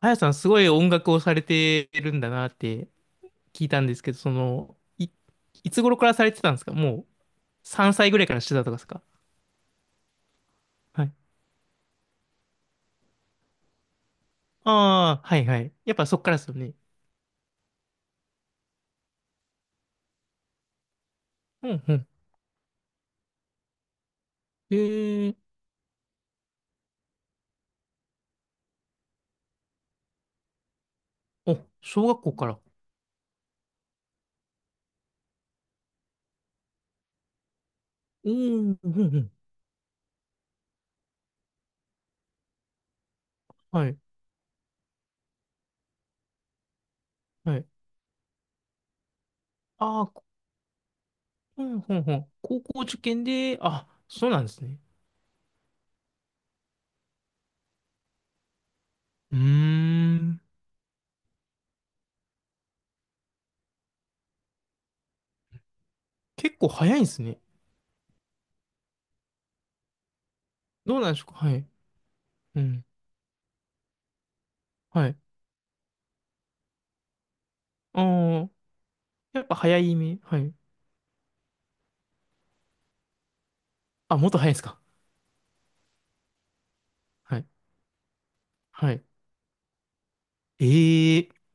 あやさん、すごい音楽をされてるんだなって聞いたんですけど、いつ頃からされてたんですか？もう3歳ぐらいからしてたとかですか？はい。ああ、はいはい。やっぱそっからですよね。うんうん。ええ、小学校から。うん、うん、うん。はい、はい。ああ、うん、うん、うん。高校受験で、あ、そうなんですね。うーん。結構早いんですね。どうなんでしょうか。はい。うん。はい。ああ、やっぱ早い目。はい。あ、もっと早いですか？はい。はい。ええ、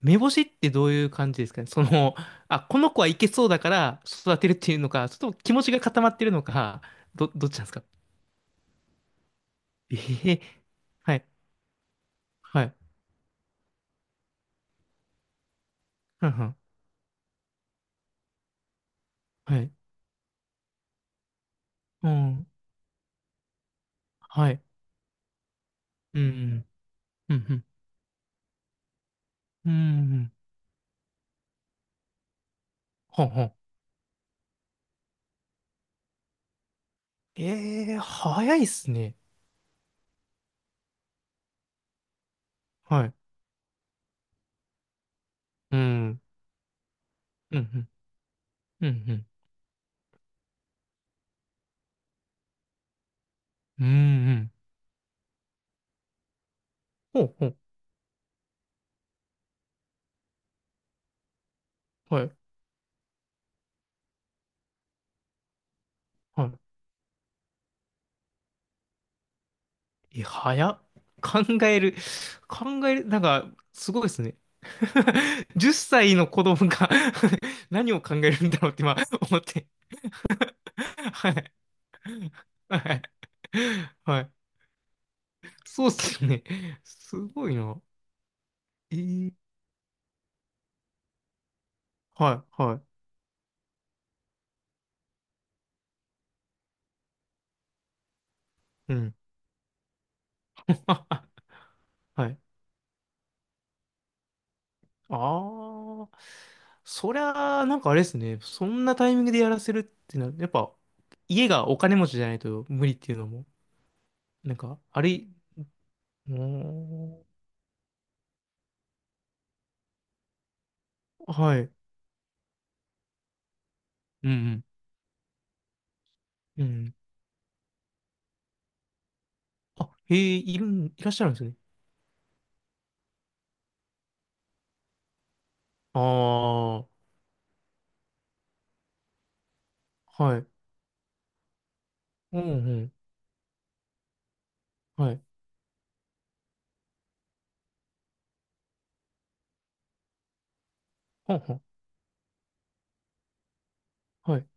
目星ってどういう感じですかね、あ、この子はいけそうだから育てるっていうのか、ちょっと気持ちが固まってるのか、どっちなんですか？ええ、はい、はい、はんはん、はい、うん、はい、うん、うん、うん、うん、はんほんほん。ええ、早いっすね。はい、うん、うん、うん、うん、うん、うん、うん、ほうほう、はい、はい。え、早っ。考える。考える。なんか、すごいですね。10歳の子供が 何を考えるんだろうって今思って。はい。はい。はい。そうっすよね。すごいな。えー、はい、はい。うん。はい。ああ、そりゃあ、なんかあれですね。そんなタイミングでやらせるってなる。やっぱ、家がお金持ちじゃないと無理っていうのも、なんか、あれ、おー、はい。うんうん。うん、あ、へえ、いるん、いらっしゃるんですね。ああ、はい。うん、うん。はい。ほんほん。はい。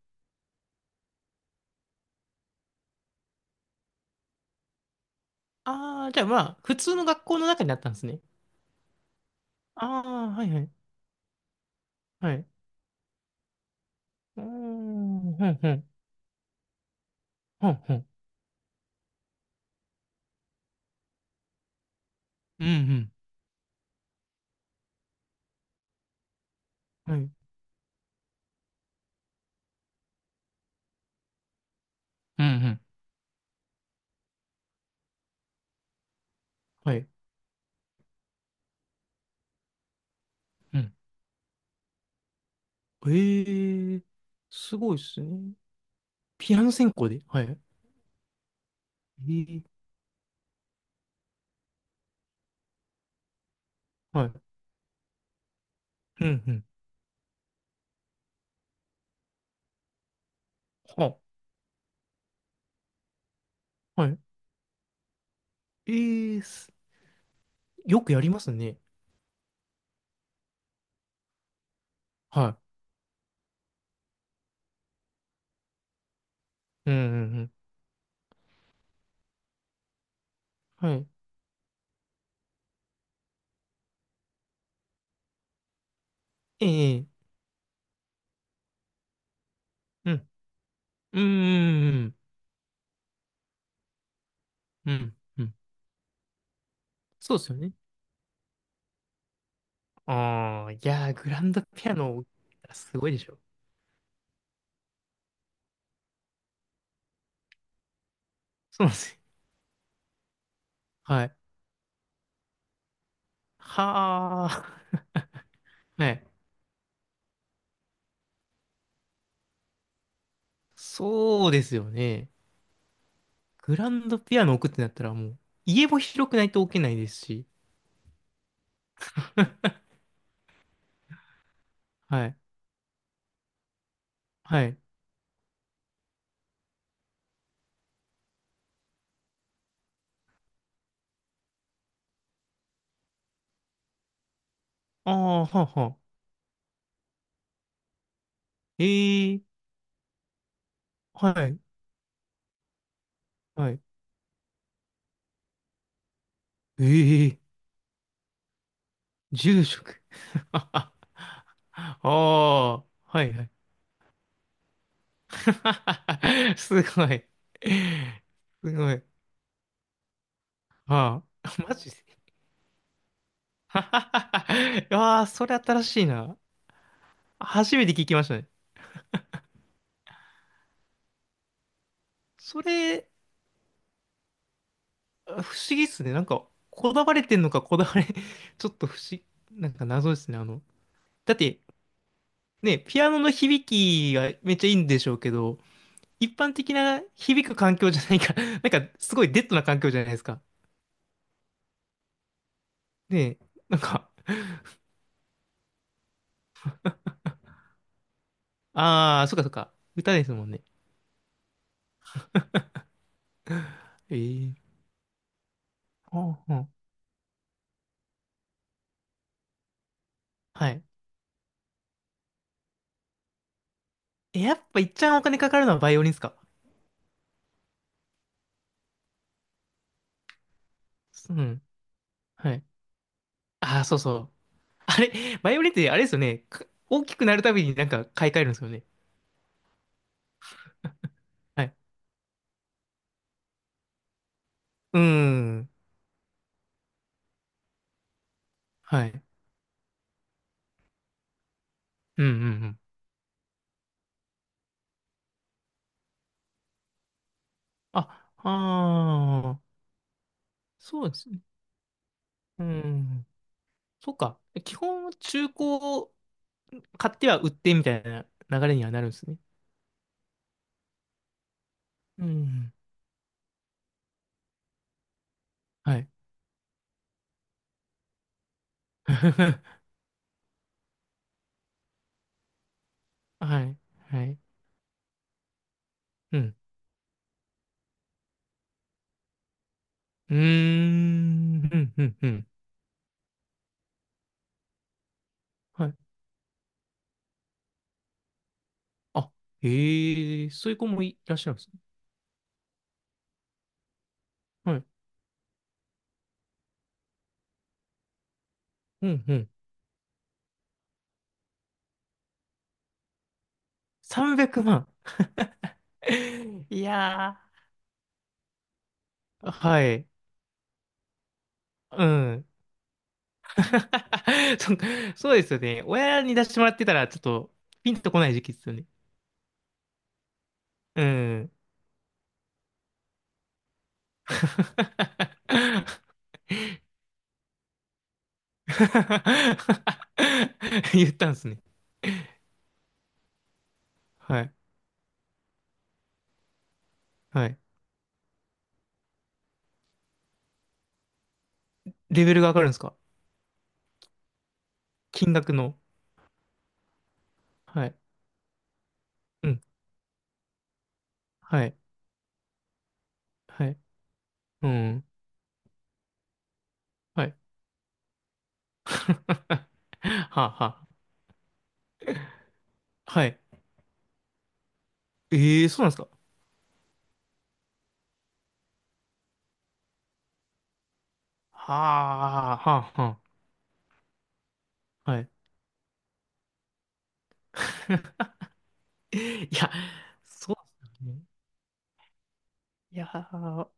ああ、じゃあまあ、普通の学校の中にあったんですね。ああ、はいはい。はい。うーん、ふんふん。ふんふん。うん。うんうん。はい。うんうん、はい。うん。ええ、すごいですね。ピアノ専攻で。はい。ええ、はい。うん、うん。は、はい。ええ、よくやりますね。はい。うんうんうん。はい。ええ、うん。うんうんうんうん。うん。そうですよね。ああ、いやー、グランドピアノ、すごいでしょ。そうなんですよ。はい。はあ。はい。そうですよね。グランドピアノ置くってなったらもう、家も広くないと置けないですし。はい。はい。ああ、はあはあ。ええ、はい。はい。ええ、住職。ああ、はいはい。 すごい。すごい。はあ。マジで。ああ、それ新しいな。初めて聞きましたね。それ、不思議っすね。なんか、こだわれてんのか、こだわれ、ちょっと不思議、なんか謎ですね。だって、ね、ピアノの響きがめっちゃいいんでしょうけど、一般的な響く環境じゃないから、なんか、すごいデッドな環境じゃないですか。ねえ、なんか、ああ、そっかそっか。歌ですもんね。ええ、はあはあ、はい。え、やっぱ一番お金かかるのはバイオリンっすか？うん。はい。ああ、そうそう。あれ、バイオリンってあれですよね。大きくなるたびになんか買い替えるんですよね。はい。うーん。はい。うんうんうん。あ、ああ、そうですね。うん。そうか。基本、中古を買っては売ってみたいな流れにはなるんですね。うん。はい。はい。はい。うん。うーん。うん。うん。うん、はい。あ、へえ、そういう子もいらっしゃるんですね。はい。うんうん。300万。いやー。はい。うん。そうですよね。親に出してもらってたら、ちょっと、ピンとこない時期ですよね。うん。言ったんですね。はい。はい。レベルが上がるんですか？金額の。はい。うん。はい。はい。うん。はい。はあはあ。はい。ええ、そうなんですか？はあ、はあ、はあ。はい。いや、そうですよね。いやー、